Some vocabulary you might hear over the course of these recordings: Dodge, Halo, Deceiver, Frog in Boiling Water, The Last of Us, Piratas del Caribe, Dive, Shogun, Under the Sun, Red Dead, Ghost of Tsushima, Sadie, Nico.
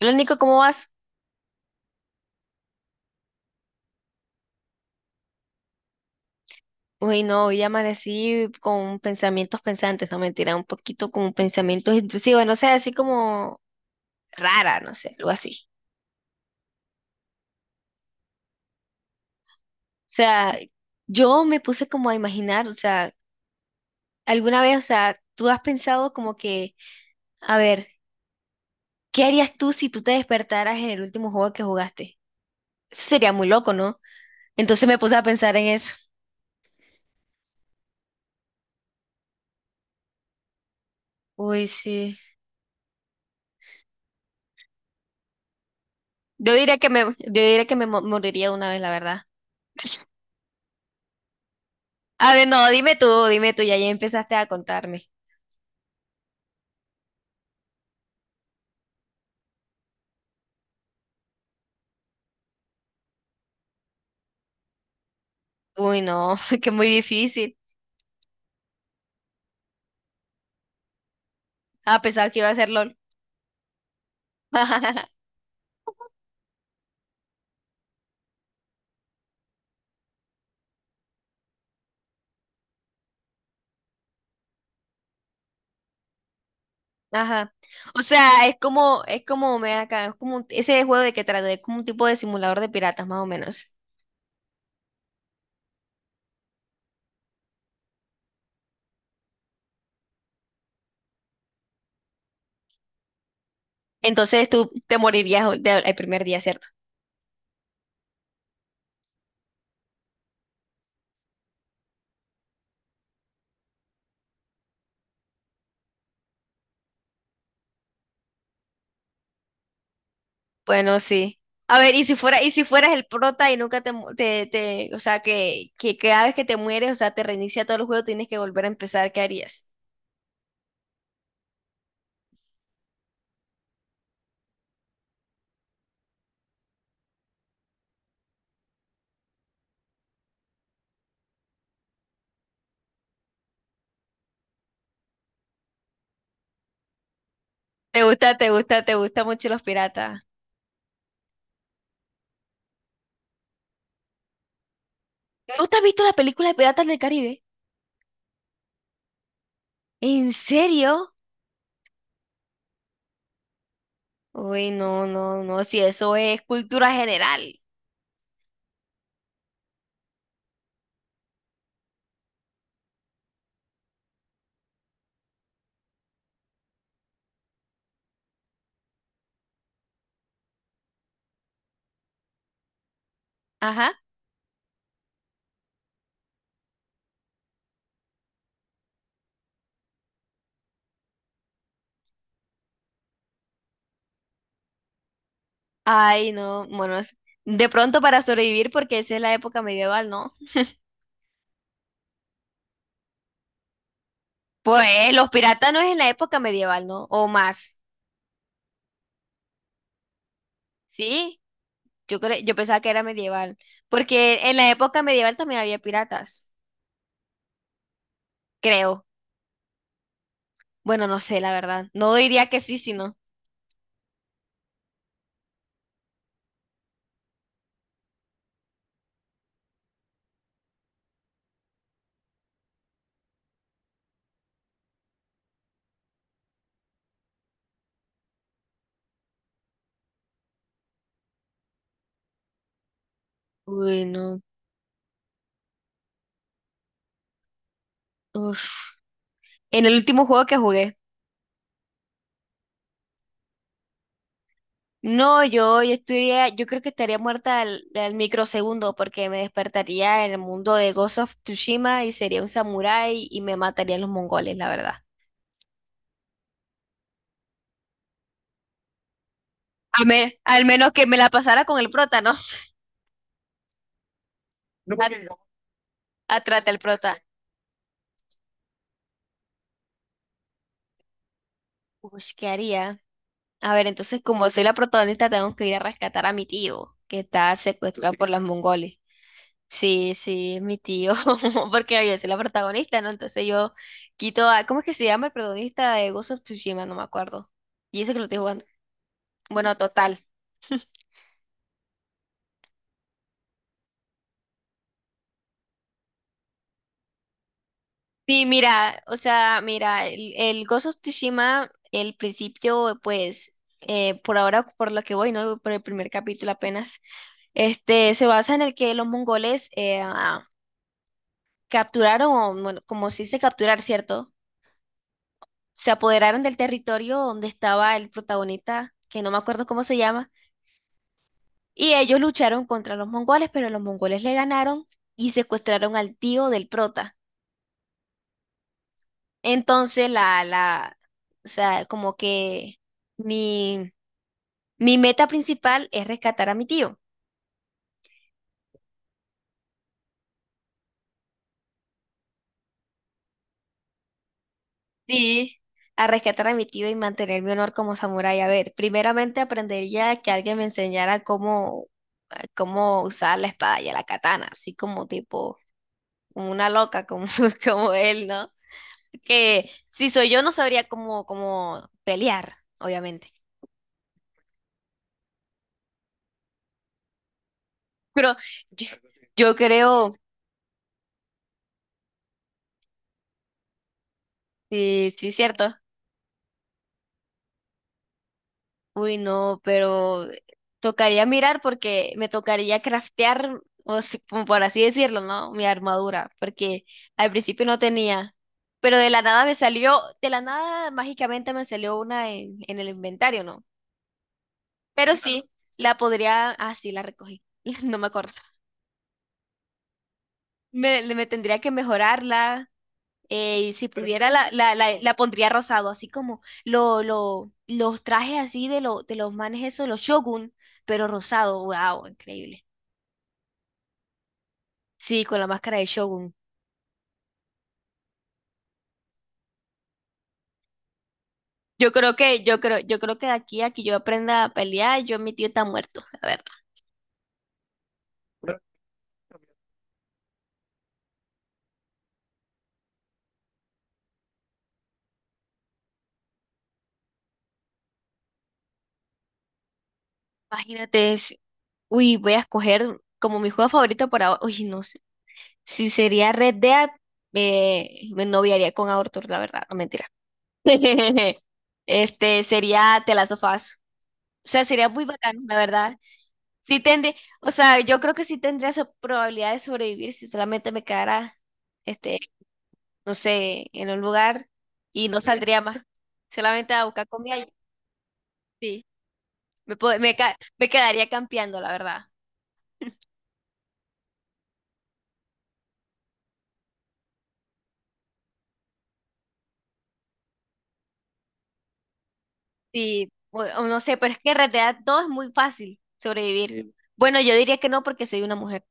Lo único, ¿cómo vas? Uy, no, hoy amanecí con pensamientos pensantes, no mentira, un poquito con pensamientos intrusivos, no sé, así como rara, no sé, algo así. O sea, yo me puse como a imaginar, o sea, alguna vez, o sea, tú has pensado como que, a ver, ¿qué harías tú si tú te despertaras en el último juego que jugaste? Eso sería muy loco, ¿no? Entonces me puse a pensar en eso. Uy, sí. Yo diría que me, yo diría que moriría de una vez, la verdad. A ver, no, dime tú, ya, ya empezaste a contarme. Uy, no, que muy difícil. Ah, pensaba que iba a ser LOL. Ajá. O sea, es como, me acá, es como ese juego de que trata, es como un tipo de simulador de piratas, más o menos. Entonces tú te morirías el primer día, ¿cierto? Bueno, sí. A ver, y si fuera, y si fueras el prota y nunca te, mu- te- o sea, que cada vez que te mueres, o sea, te reinicia todo el juego, tienes que volver a empezar, ¿qué harías? ¿Te gusta, te gusta, te gusta mucho los piratas? ¿No te has visto la película de Piratas del Caribe? ¿En serio? Uy, no, no, no, si eso es cultura general. Ajá. Ay, no, bueno, de pronto para sobrevivir porque esa es la época medieval, ¿no? Pues los piratas no es en la época medieval, ¿no? O más. ¿Sí? Yo pensaba que era medieval, porque en la época medieval también había piratas, creo. Bueno, no sé, la verdad. No diría que sí, sino. Uy, no. Uf. En el último juego que jugué. No, yo estaría, yo creo que estaría muerta al, al microsegundo porque me despertaría en el mundo de Ghost of Tsushima y sería un samurái y me matarían los mongoles, la verdad. Al menos que me la pasara con el prota, ¿no? A- Atrás del prota. Uy, ¿qué haría? A ver, entonces como soy la protagonista, tengo que ir a rescatar a mi tío que está secuestrado por los mongoles. Sí, sí, es mi tío, porque yo soy la protagonista, ¿no? Entonces yo quito a, ¿cómo es que se llama el protagonista de Ghost of Tsushima? No me acuerdo. Y eso que lo estoy jugando. Bueno, total. Sí, mira, o sea, mira, el Ghost of Tsushima, el principio, pues, por ahora, por lo que voy, ¿no? Por el primer capítulo apenas, este, se basa en el que los mongoles capturaron, o, bueno, como se dice capturar, ¿cierto? Se apoderaron del territorio donde estaba el protagonista, que no me acuerdo cómo se llama, y ellos lucharon contra los mongoles, pero los mongoles le ganaron y secuestraron al tío del prota. Entonces, o sea, como que mi, mi meta principal es rescatar a mi tío. Sí, a rescatar a mi tío y mantener mi honor como samurái. A ver, primeramente aprendería que alguien me enseñara cómo, cómo usar la espada y la katana, así como tipo una loca como, como él, ¿no? Que si soy yo no sabría cómo, cómo pelear, obviamente. Pero yo, yo creo, sí, sí, cierto. Uy, no, pero tocaría mirar porque me tocaría craftear, o como por así decirlo, ¿no? Mi armadura, porque al principio no tenía. Pero de la nada me salió, de la nada mágicamente me salió una en el inventario, ¿no? Pero sí, la podría, ah, sí, la recogí. No me acuerdo. Me tendría que mejorarla. Eh, y si pudiera, la pondría rosado, así como los trajes así de, lo, de los manes esos, los Shogun, pero rosado. Wow, increíble. Sí, con la máscara de Shogun. Yo creo que de aquí a que yo aprenda a pelear, yo mi tío está muerto. A ver, imagínate. Uy, voy a escoger como mi juego favorito por ahora. Uy, no sé. Si sería Red Dead, me noviaría con Arthur, la verdad, no mentira. Este sería The Last of Us. O sea, sería muy bacano, la verdad. Sí tendría, o sea, yo creo que sí tendría probabilidad de sobrevivir si solamente me quedara, este, no sé, en un lugar y no saldría más. Solamente a buscar comida y sí. Me, pod- me, ca- me quedaría campeando, la verdad. Sí, o no sé, pero es que en realidad todo es muy fácil sobrevivir. Sí. Bueno, yo diría que no porque soy una mujer.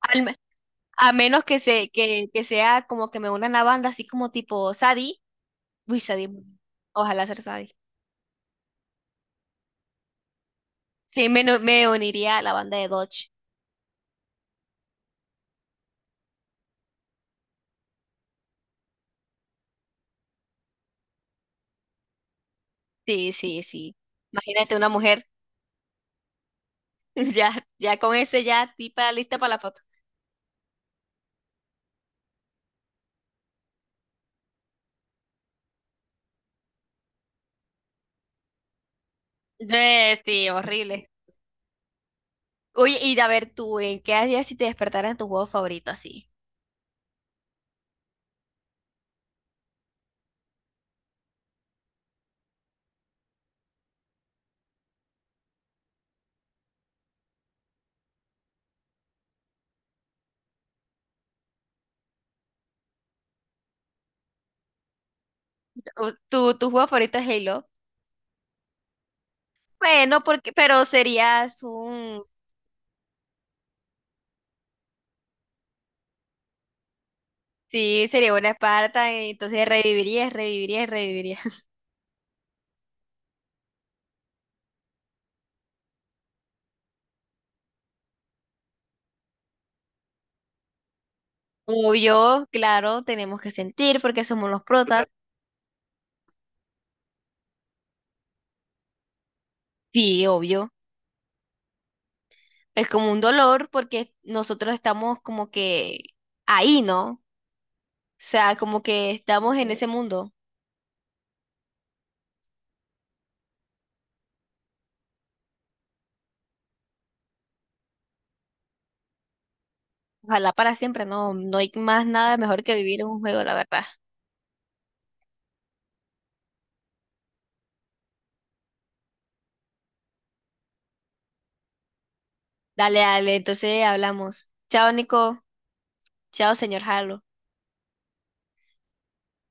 Al me- a menos que, que sea como que me una a la banda así como tipo Sadie. Uy, Sadie. Ojalá ser Sadie. Sí, me, no- me uniría a la banda de Dodge. Sí, sí, sí. Imagínate una mujer. Ya, ya con ese ya tipa lista para la foto. Sí, horrible. Oye, y a ver tú, ¿en qué harías si te despertaran tu juego favorito así? O- ¿Tu, tu juego favorito es Halo? Bueno, porque, pero serías un... Sí, sería una Esparta, y entonces revivirías, revivirías, revivirías. Obvio, claro, tenemos que sentir porque somos los protas. Sí, obvio. Es como un dolor porque nosotros estamos como que ahí, ¿no? O sea, como que estamos en ese mundo. Ojalá para siempre, no, no hay más nada mejor que vivir en un juego, la verdad. Dale, dale, entonces hablamos. Chao, Nico. Chao, señor Halo.